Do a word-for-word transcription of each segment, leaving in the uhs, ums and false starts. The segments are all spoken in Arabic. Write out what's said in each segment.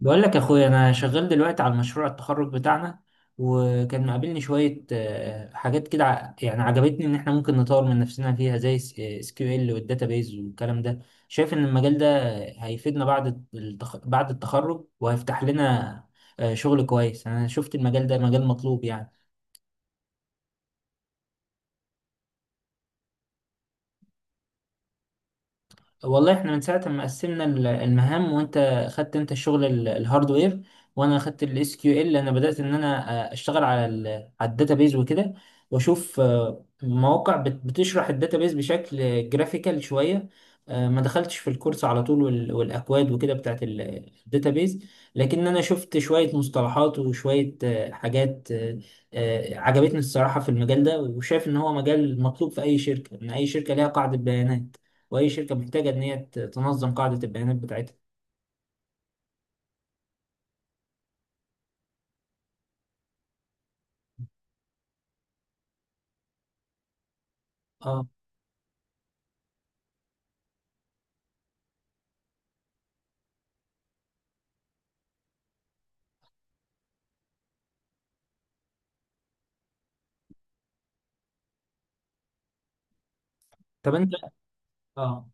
بقول لك يا اخويا، انا شغال دلوقتي على مشروع التخرج بتاعنا، وكان مقابلني شويه آه، حاجات كده، ع- يعني عجبتني ان احنا ممكن نطور من نفسنا فيها، زي اس كيو ال والداتابيز والكلام ده. شايف ان المجال ده هيفيدنا بعد التخ... بعد التخرج، وهيفتح لنا آه، شغل كويس. انا شفت المجال ده مجال مطلوب يعني. والله احنا من ساعة ما قسمنا ال- المهام، وانت خدت انت الشغل ال- الهاردوير، وانا خدت الاس كيو ال. انا بدأت ان انا آه، اشتغل على ال على الداتابيز وكده، واشوف آه، مواقع بت- بتشرح الداتابيز بشكل جرافيكال شوية. آه، ما دخلتش في الكورس على طول، وال- والاكواد وكده بتاعت ال- الداتابيز، لكن انا شفت شوية مصطلحات وشوية آه، حاجات آه، آه، عجبتني الصراحة في المجال ده، وشايف ان هو مجال مطلوب في اي شركة. ان اي شركة ليها قاعدة بيانات، واي شركه محتاجه ان هي ت- تنظم قاعده البيانات بتاعتها. اه. طب انت. اه.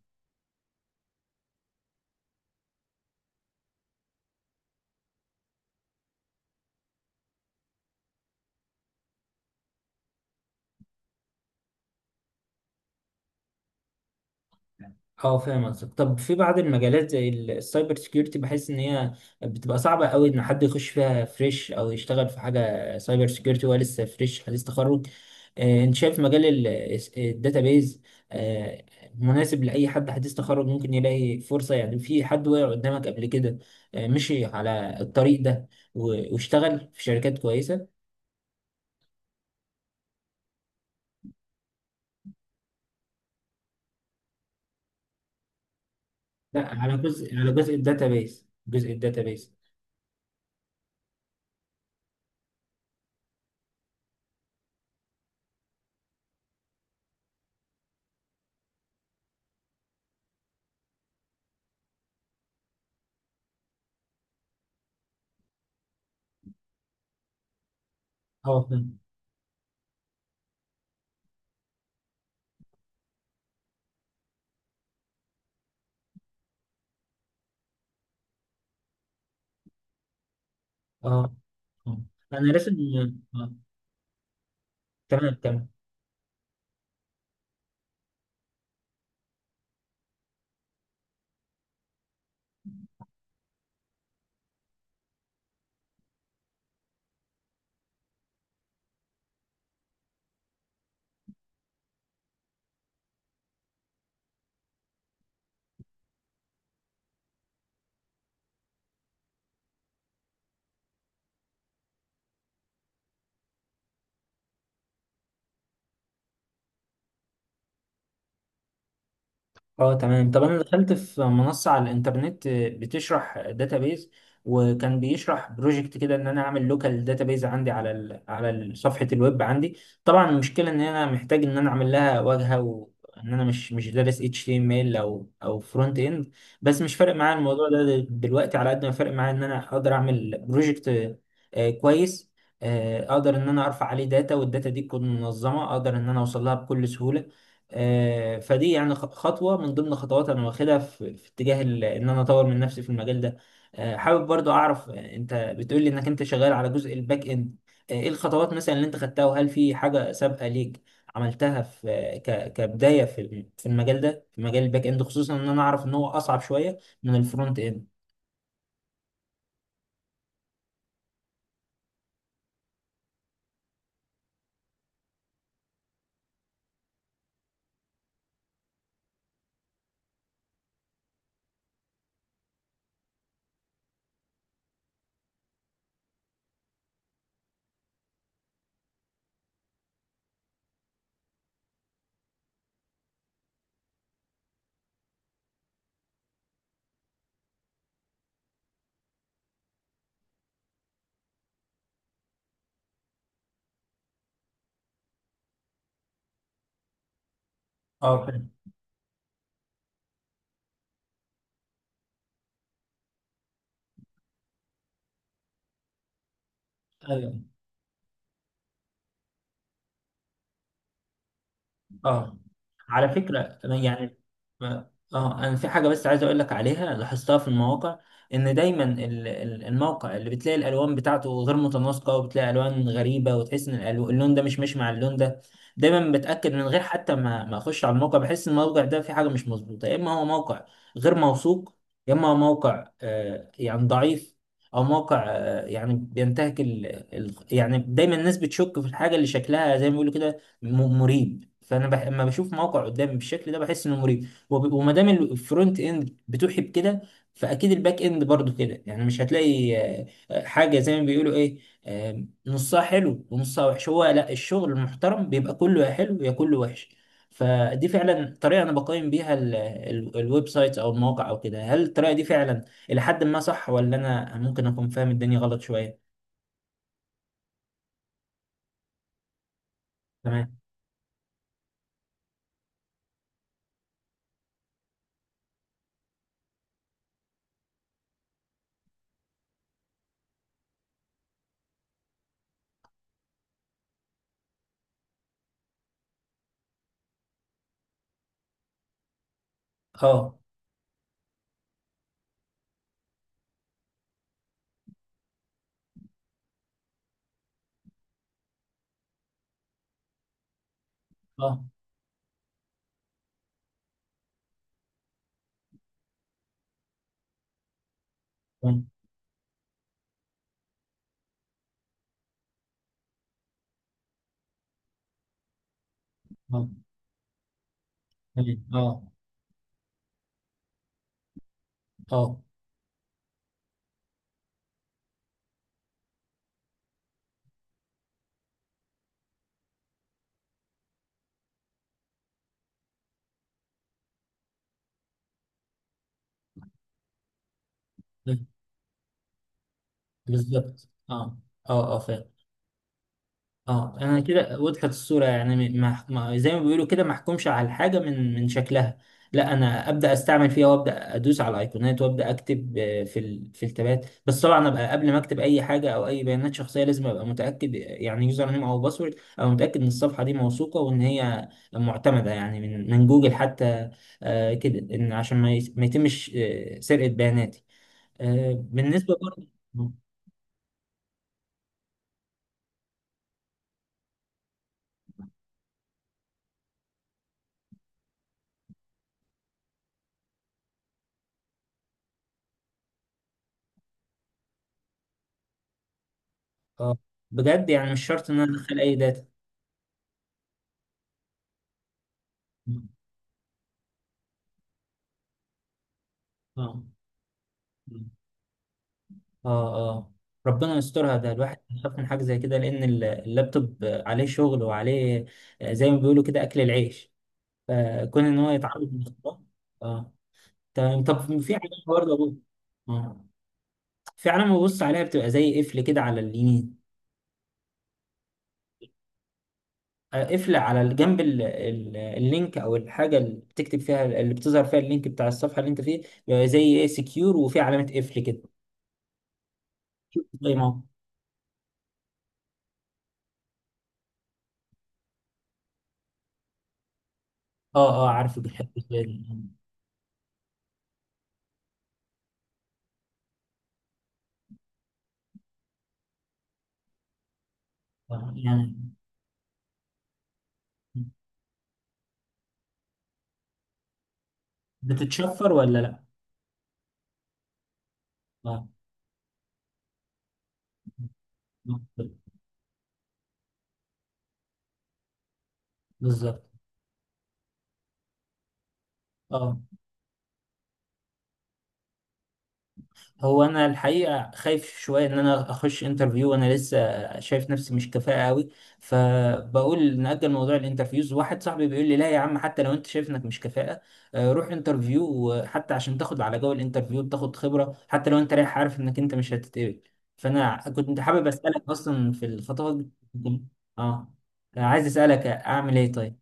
اه، فاهم قصدك. طب في بعض المجالات زي ال- السايبر سيكيورتي، بحس ان هي بتبقى صعبه قوي، ان حد يخش فيها فريش او يشتغل في حاجه سايبر سيكيورتي وهو لسه فريش حديث تخرج. آه، انت شايف مجال الداتابيز مناسب لاي حد حديث تخرج، ممكن يلاقي فرصه يعني؟ في حد وقع قدامك قبل كده آه، مشي على الطريق ده و- واشتغل في شركات كويسه؟ لا، على جزء على جزء الداتابيس، جزء الداتابيس. اه. اه. آه. انا راسم. آه. تمام، تمام. اه، تمام. طب انا دخلت في منصة على الانترنت بتشرح داتابيز، وكان بيشرح بروجكت كده، ان انا اعمل لوكال داتابيز عندي على ال على ال- صفحة الويب عندي. طبعا المشكلة ان انا محتاج ان انا اعمل لها واجهة، وان انا مش مش دارس اتش تي ام ال او او فرونت اند. بس مش فارق معايا الموضوع ده دل- دلوقتي، على قد ما فارق معايا ان انا اقدر اعمل بروجكت آه، كويس، آه، اقدر ان انا ارفع عليه داتا، والداتا دي تكون منظمة، اقدر ان انا اوصل لها بكل سهولة. آه، فدي يعني خ- خطوة من ضمن خطوات أنا واخدها في في اتجاه ال- إن أنا أطور من نفسي في المجال ده. آه، حابب برضو أعرف، آه، أنت بتقول لي إنك أنت شغال على جزء الباك إند. آه، إيه الخطوات مثلا اللي أنت خدتها، وهل في حاجة سابقة ليك عملتها في آه، ك- كبداية في الم- في المجال ده، في مجال الباك إند، خصوصا إن أنا أعرف إن هو أصعب شوية من الفرونت إند. اه، فاهم. اه. على فكرة يعني. اه، انا في حاجة بس عايز اقول لك عليها، لاحظتها في المواقع. ان دايما ال- ال- الموقع اللي بتلاقي الالوان بتاعته غير متناسقة، وبتلاقي الوان غريبة، وتحس ان الألو- اللون ده مش ماشي مع اللون ده، دايما بتأكد من غير حتى ما ما اخش على الموقع. بحس ان الموقع ده في حاجة مش مظبوطة، يا اما هو موقع غير موثوق، يا اما هو موقع آه، يعني ضعيف، او موقع آه، يعني بينتهك ال... ال- يعني دايما الناس بتشك في الحاجة اللي شكلها، زي ما بيقولوا كده، م- مريب. فانا بح... لما بشوف موقع قدامي بالشكل ده بحس انه مريب، وب... وما دام الفرونت اند بتوحي بكده، فاكيد الباك اند برضو كده، يعني مش هتلاقي آه، آه، حاجه زي ما بيقولوا ايه، آه، نصها حلو ونصها وحش. هو لا، الشغل المحترم بيبقى كله يا حلو، يا كله وحش. فدي فعلا طريقه انا بقيم بيها ال... ال... الويب سايت او المواقع او كده. هل الطريقه دي فعلا الى حد ما صح، ولا انا ممكن اكون فاهم الدنيا غلط شويه؟ تمام. اه، اه، تمام. اه، تمام. اه، اه، بال- بالظبط. اه، اه، اه، فاهم. اه، انا كده وضحت الصورة، يعني م- ما ما- زي ما بيقولوا كده، ما احكمش على الحاجة من من شكلها. لا، انا ابدا استعمل فيها، وابدا ادوس على الايقونات، وابدا اكتب آه، في ال... في التابات، بس طبعا ابقى قبل ما اكتب اي حاجة او اي بيانات شخصية لازم ابقى متاكد، يعني يوزر نيم او باسورد ابقى متاكد ان الصفحة دي موثوقة وان هي معتمدة، يعني من من جوجل حتى، آه كده، ان عشان ما يت- ما يتمش آه، سرقة بياناتي. آه بالنسبة برضه. اه، بجد يعني مش شرط ان انا ادخل اي داتا. اه، اه، اه، ربنا يسترها. ده الواحد بيخاف من حاجه زي كده، لان ال- اللابتوب عليه شغل وعليه آه، زي ما بيقولوا كده اكل العيش، فكون ان هو يتعرض للاختراق. اه، تمام. طب في علامه برضه أبص- اه، في علامه ببص عليها، بتبقى زي قفل كده على اليمين. آه، قفل على الجنب ال- ال- اللينك او الحاجه اللي بتكتب فيها، اللي بتظهر فيها اللينك بتاع الصفحه اللي انت فيه. بيبقى زي ايه سكيور وفي علامه قفل كده. شوف زي ما هو. اه، اه، عارفه بيحب الخيل. آه، يعني بتتشفر ولا لا؟ آه، بالظبط. اه، هو انا الحقيقه خايف شويه ان انا اخش انترفيو وانا لسه شايف نفسي مش كفاءه قوي، فبقول نأجل موضوع الانترفيوز. واحد صاحبي بيقول لي لا يا عم، حتى لو انت شايف انك مش كفاءه آه، روح انترفيو، حتى عشان تاخد على جو الانترفيو بتاخد خبره، حتى لو انت رايح عارف انك انت مش هتتقبل. فانا كنت حابب اسالك، اصلا في الخطوات دي، اه، عايز اسالك اعمل ايه طيب.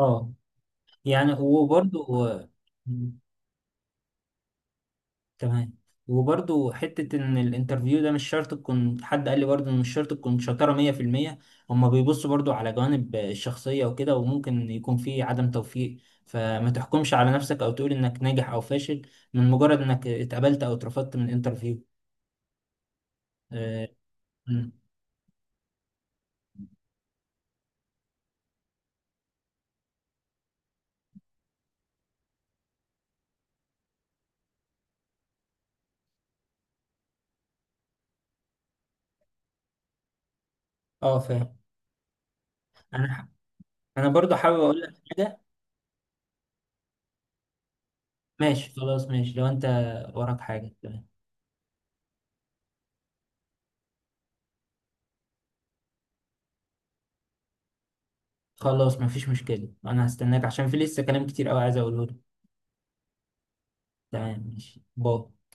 اه، يعني وبرضه، تمام. وبرضو حتة إن الانترفيو ده مش شرط تكون، حد قال لي برضو إن مش شرط تكون شطارة مية في المية. هما بيبصوا برضو على جوانب الشخصية وكده، وممكن يكون في عدم توفيق، فما تحكمش على نفسك أو تقول إنك ناجح أو فاشل من مجرد إنك اتقبلت أو اترفضت من انترفيو. اه. م. آه، فاهم. أنا ح- أنا برضو حابب أقول لك حاجة. ماشي خلاص، ماشي لو أنت وراك حاجة. تمام. خلاص، مفيش مشكلة، أنا هستناك عشان في لسه كلام كتير أوي عايز أقوله لك. تمام، ماشي، باي.